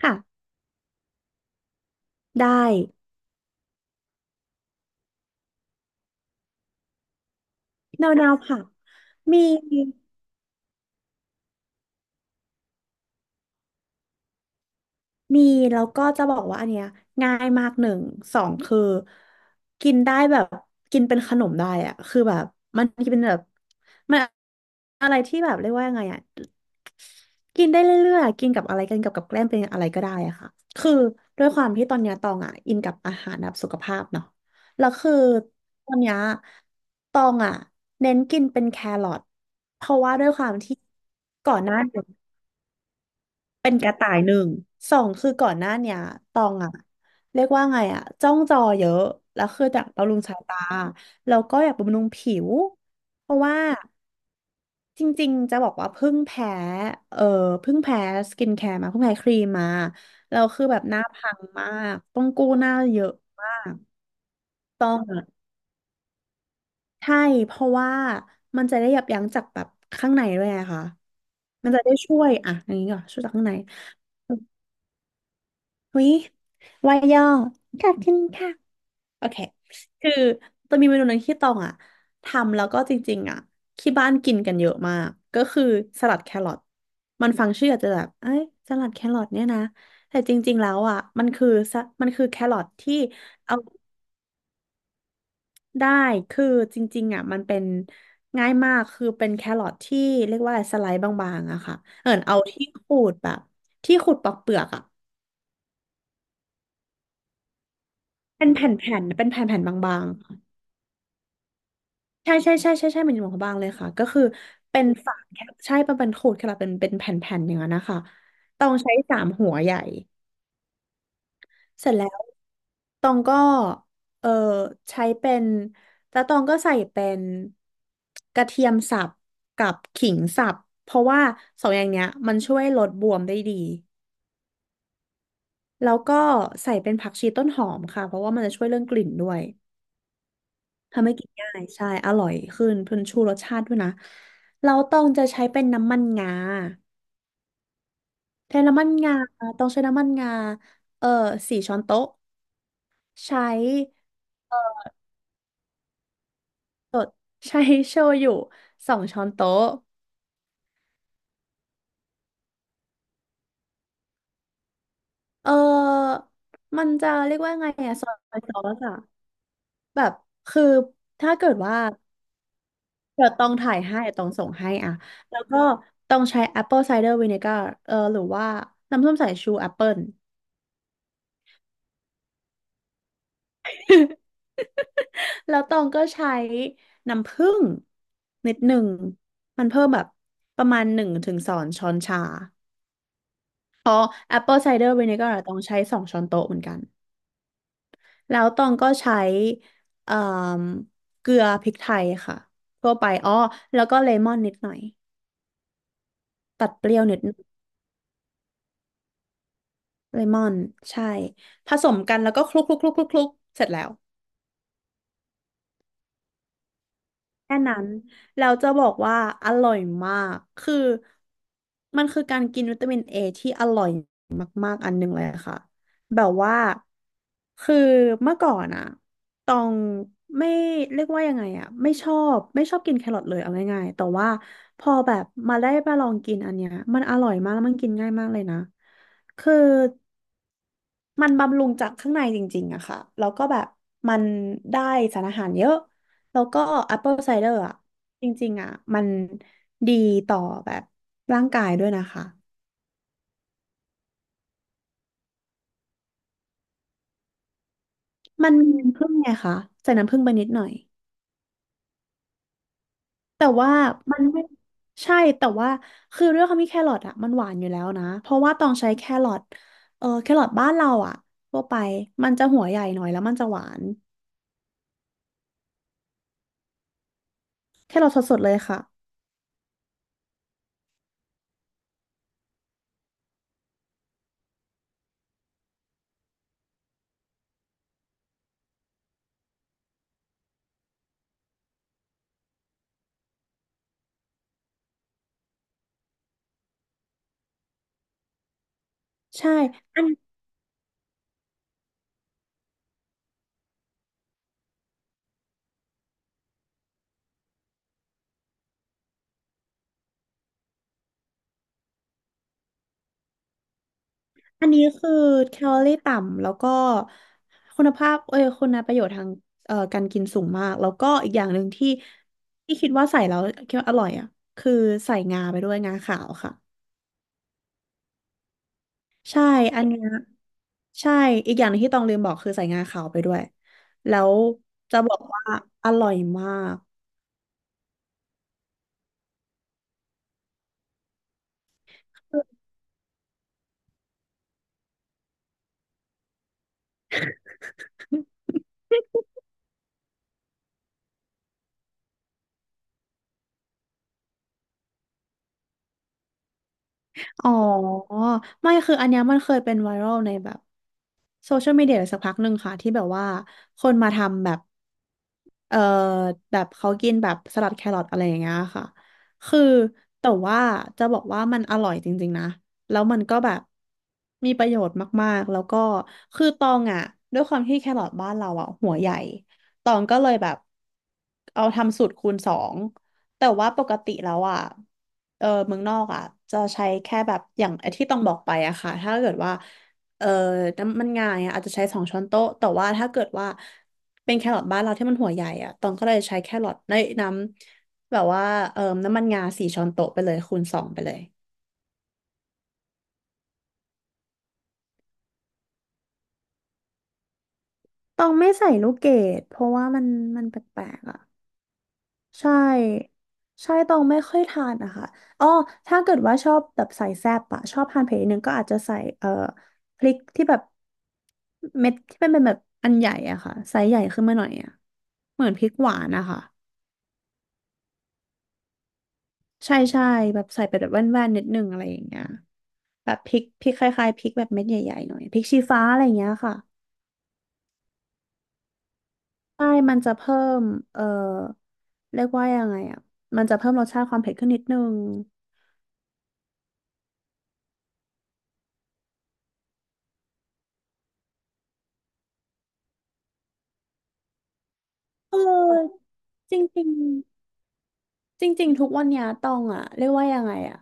ค่ะได้แนวแนวผักมีมีแล้วก็จะบอกว่าอันเนี้ยง่ายมากหนึ่งสองคือกินได้แบบกินเป็นขนมได้อะคือแบบมันเป็นแบบมันอะไรที่แบบเรียกว่ายังไงอะกินได้เรื่อยๆอะกินกับอะไรกินกับกับแกล้มเป็นอะไรก็ได้อะค่ะคือด้วยความที่ตอนเนี้ยตองอะอินกับอาหารแบบสุขภาพเนาะแล้วคือตอนเนี้ยตองอะเน้นกินเป็นแครอทเพราะว่าด้วยความที่ก่อนหน้า เป็นกระต่ายหนึ่งสองคือก่อนหน้าเนี้ยตองอะเรียกว่าไงอะจ้องจอเยอะแล้วคืออยากบำรุงสายตาแล้วก็อยากบำรุงผิวเพราะว่าจริงๆจะบอกว่าเพิ่งแพ้เออเพิ่งแพ้สกินแคร์มาเพิ่งแพ้ครีมมาเราคือแบบหน้าพังมากต้องกู้หน้าเยอะมากต้องอะใช่เพราะว่ามันจะได้ยับยั้งจากแบบข้างในด้วยไงคะมันจะได้ช่วยอะอย่างนี้ก่อนช่วยจากข้างใน วิว่ายย่อขอบคุณค่ะโอเคคือจะมีเมนูหนึ่งที่ตองอ่ะทำแล้วก็จริงๆอ่ะที่บ้านกินกันเยอะมากก็คือสลัดแครอทมันฟังชื่ออาจจะแบบเอ้ยสลัดแครอทเนี่ยนะแต่จริงๆแล้วอ่ะมันคือแครอทที่เอาได้คือจริงๆอ่ะมันเป็นง่ายมากคือเป็นแครอทที่เรียกว่าอะไรสไลด์บางๆอะค่ะเอาที่ขูดแบบที่ขูดปอกเปลือกอ่ะเป็นแผ่นๆเป็นแผ่นๆบางๆ ใช่ใช่ใช่ใช่ใช่เป็นหมวกบางเลยค่ะก็คือเป็นฝาแคปใช่เป็นขูดแคปเป็นแผ่นๆอย่างนั้นนะคะตองใช้3 หัวใหญ่เสร็จแล้วตองก็เออใช้เป็นแล้วตองก็ใส่เป็นกระเทียมสับกับขิงสับเพราะว่าสองอย่างเนี้ยมันช่วยลดบวมได้ดีแล้วก็ใส่เป็นผักชีต้นหอมค่ะเพราะว่ามันจะช่วยเรื่องกลิ่นด้วย ทำให้กินง่ายใช่อร่อยขึ้นเพิ่นชูรสชาติด้วยนะเราต้องจะใช้เป็นน้ำมันงาแทนน้ำมันงาต้องใช้น้ำมันงาเออ4 ช้อนโต๊ะใช้ ใช้โชยุ2 ช้อนโต๊ะเออมันจะเรียกว่าไงอะซอยซอสอะแบบคือถ้าเกิดว่าเดี๋ยวต้องถ่ายให้เดี๋ยวต้องส่งให้อะแล้วก็ต้องใช้ Apple Cider Vinegar หรือว่าน้ำส้มสายชูแอปเปิล แล้วตองก็ใช้น้ำผึ้งนิดหนึ่งมันเพิ่มแบบประมาณ1 ถึง 2 ช้อนชา Apple Cider Vinegar อะต้องใช้2 ช้อนโต๊ะเหมือนกันแล้วตองก็ใช้เอ่มเกลือพริกไทยค่ะทั่วไปอ้อแล้วก็เลมอนนิดหน่อยตัดเปรี้ยวนิดหน่อยเลมอนใช่ผสมกันแล้วก็คลุกคลุกคลุกคลุกคลุกเสร็จแล้วแค่นั้นเราจะบอกว่าอร่อยมากคือมันคือการกินวิตามินเอที่อร่อย อันหนึ่งเลยค่ะแบบว่าคือเมื่อก่อนอะตองไม่เรียกว่ายังไงอะไม่ชอบกินแครอทเลยเอาง่ายๆแต่ว่าพอแบบมาได้มาลองกินอันเนี้ยมันอร่อยมากแล้วมันกินง่ายมากเลยนะคือมันบำรุงจากข้างในจริงๆอะค่ะแล้วก็แบบมันได้สารอาหารเยอะแล้วก็แอปเปิลไซเดอร์อะจริงๆอะมันดีต่อแบบร่างกายด้วยนะคะมันมีน้ำผึ้งไงคะใส่น้ำผึ้งไปนิดหน่อย แต่ว่ามันไม่ใช่แต่ว่าคือด้วยความที่แครอทอ่ะมันหวานอยู่แล้วนะเพราะว่าต้องใช้แครอทแครอทบ้านเราอ่ะทั่วไปมันจะหัวใหญ่หน่อยแล้วมันจะหวานแครอทสดๆเลยค่ะใช่อันอันนี้คือแคลอรี่ต่ำแล้วก็คุณภาพเอ้ยคุณประโยชน์ทางการกินสูงมากแล้วก็อีกอย่างหนึ่งที่คิดว่าใส่แล้วคิดว่าอร่อยอ่ะคือใส่งาไปด้วยงาขาวค่ะ ใช่ อันเนี้ยใช่ อีกอย่างหนึงที่ต้องลืมบอกคือใส่งาขาวไปด้วย แล้วจะบอกว่าอร่อยมาก อ๋อ ไม่ คืออันเนี้ยมันเคยเป็นไวรัลในแบบ โซเชียลมีเดียสักพักหนึ่งค่ะที่แบบว่าคนมาทำแบบเอ่อแบบเขากินแบบสลัดแครอทอะไรอย่างเงี้ยค่ะคือแต่ว่าจะบอกว่ามันอร่อยจริงๆนะแล้วมันก็แบบมีประโยชน์มากๆแล้วก็คือตองอ่ะด้วยความที่แครอทบ้านเราอ่ะหัวใหญ่ตองก็เลยแบบเอาทำสูตรคูณสองแต่ว่าปกติแล้วอ่ะเออเมืองนอกอ่ะจะใช้แค่แบบอย่างไอ้ที่ต้องบอกไปอะค่ะถ้าเกิดว่า เอ่อน้ำมันงาย่ะอาจจะใช้2 ช้อนโต๊ะแต่ว่าถ้าเกิดว่าเป็นแครอทบ้านเราที่มันหัวใหญ่อะตองก็เลยใช้แครอทในน้ำแบบว่าน้ำมันงา4 ช้อนโต๊ะไปเลยคูณสองไปเลยตองไม่ใส่ลูกเกดเพราะว่ามันแปลกๆอ่ะใช่ใช่ตองไม่ค่อยทานอะค่ะอ๋อถ้าเกิดว่าชอบแบบใส่แซ่บอะชอบทานเผ็ดนิดนึงก็อาจจะใส่พริกที่แบบเม็ดที่เป็นแบบอันใหญ่อะค่ะไซส์ใหญ่ขึ้นมาหน่อยอะเหมือนพริกหวานนะคะ ใช่ใช่แบบใส่ไปแบบแว่นๆนิดนึงอะไรอย่างเงี้ยแบบพริกคล้ายๆพริกแบบเม็ดใหญ่ๆหน่อยพริกชี้ฟ้าอะไรอย่างเงี้ยค่ะใช่มันจะเพิ่มเอ่อเรียกว่ายังไงอ่ะมันจะเพิ่มรสชาติความเผ็ดขึ้นนิดนึงเออจริง จริงๆทุกวันเนี้ยตองอะเรียกว่ายังไงอะ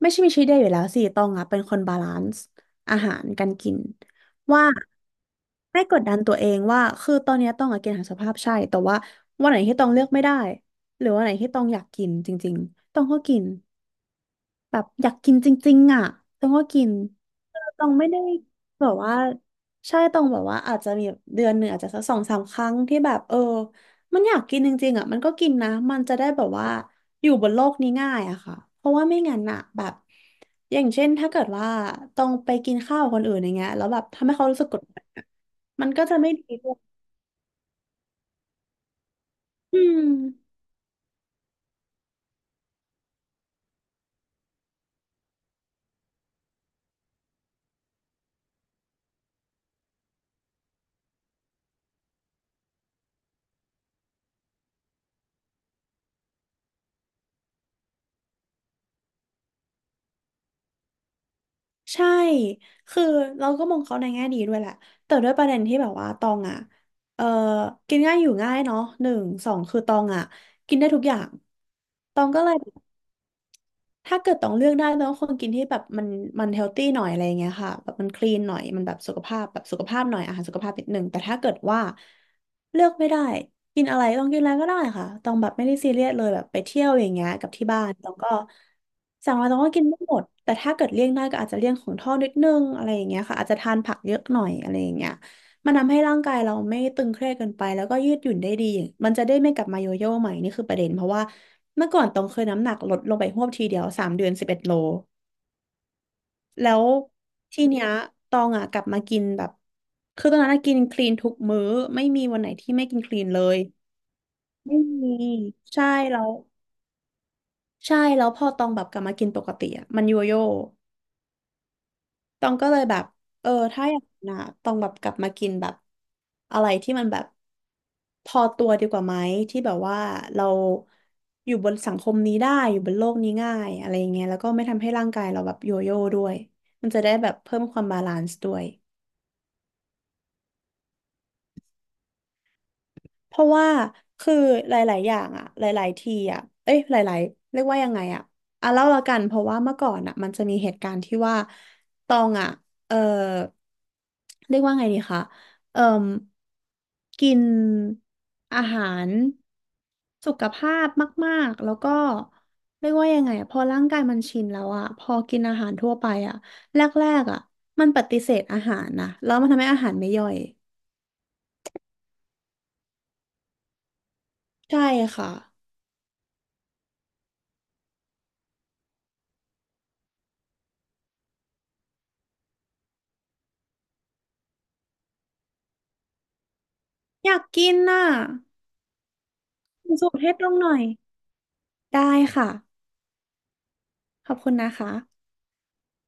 ไม่ใช่มีชีวิตเดียวอยู่แล้วสิตองอะเป็นคนบาลานซ์อาหารการกินว่าไม่กดดันตัวเองว่าคือตอนเนี้ยตองอะกินอาหารสุขภาพใช่แต่ว่าวันไหนที่ตองเลือกไม่ได้หรือวันไหนที่ตองอยากกินจริงๆตองก็กิน แบบอยากกินจริงๆอ่ะต้องก็กินต้องไม่ได้แบบว่าใช่ต้องแบบว่าอาจจะมีแบบเดือนหนึ่งอาจจะสักสองสามครั้งที่แบบเออมันอยากกินจริงๆอ่ะมันก็กินนะมันจะได้แบบว่าอยู่บนโลกนี้ง่ายอะค่ะเพราะว่าไม่งั้นอะแบบอย่างเช่นถ้าเกิดว่าต้องไปกินข้าวกับคนอื่นอย่างเงี้ยแล้วแบบทำให้เขารู้สึกกดดันอะมันก็จะไม่ดีด้วยอืม ใช่ คือเราก็มองเขาในแง่ดีด้วยแหละ แต่ด้วยประเด็นที่แบบว่าตองอ่ะเออกินง่ายอยู่ง่ายเนาะหนึ่งสองคือตองอ่ะกินได้ทุกอย่าง ตองก็เลย ถ้าเกิดต้องเลือกได้ต้องคนกินที่แบบมันเฮลตี้หน่อยอะไรอย่างเงี้ยค่ะแบบมันคลีนหน่อยมันแบบสุขภาพแบบสุขภาพหน่อยอาหารสุขภาพนิดหนึ่งแต่ถ้าเกิดว่าเลือกไม่ได้กินอะไรต้องกินอะไรก็ได้ค่ะต้องแบบไม่ได้ซีเรียสเลยแบบไปเที่ยวอย่างเงี้ยกับที่บ้านต้องก็สั่งอะไรต้องก็กินไม่หมดแต่ถ้าเกิดเลี่ยงได้ก็อาจจะเลี่ยงของทอดนิดนึงอะไรอย่างเงี้ยค่ะอาจจะทานผักเยอะหน่อยอะไรอย่างเงี้ยมันทำให้ร่างกายเราไม่ตึงเครียดเกินไปแล้วก็ยืดหยุ่นได้ดีมันจะได้ไม่กลับมาโยโย่ใหม่นี่คือประเด็นเพราะว่า เมื่อก่อนต้องเคยน้ำหนักลดลงไปหวบทีเดียว3 เดือน 11 โล แล้วทีเนี้ยตองอ่ะกลับมากินแบบคือตอนนั้นอะกินคลีนทุกมื้อไม่มีวันไหนที่ไม่กินคลีนเลยไม่มีใช่แล้วใช่แล้วพอตองแบบกลับมากินปกติอ่ะมันโยโย่ ตองก็เลยแบบเออถ้าอย่างนั้นนะตองแบบกลับมากินแบบอะไรที่มันแบบพอตัวดีกว่าไหมที่แบบว่าเราอยู่บนสังคมนี้ได้อยู่บนโลกนี้ง่ายอะไรอย่างเงี้ยแล้วก็ไม่ทำให้ร่างกายเราแบบโยโย่ด้วยมันจะได้แบบเพิ่มความบาลานซ์ด้วย เพราะว่าคือหลายๆอย่างอะหลายๆทีอะเอ้ยหลายๆเรียกว่ายังไงอะอ่ะเล่าละกันเพราะว่าเมื่อก่อนอะมันจะมีเหตุการณ์ที่ว่าตองอะเออเรียกว่าไงดีคะเอ่มกินอาหารสุขภาพมากๆ แล้วก็เรียกว่ายังไงอะพอร่างกายมันชินแล้วอะพอกินอาหารทั่วไปอะแรกๆอะมันปฏิเสธอาหารนะแล้วมันทำให้อาหารไม่ย่อยใช่ค่ะอยากกินน่ะ คุณสุเทพลงหน่อยได้ค่ะขอบคุณนะคะ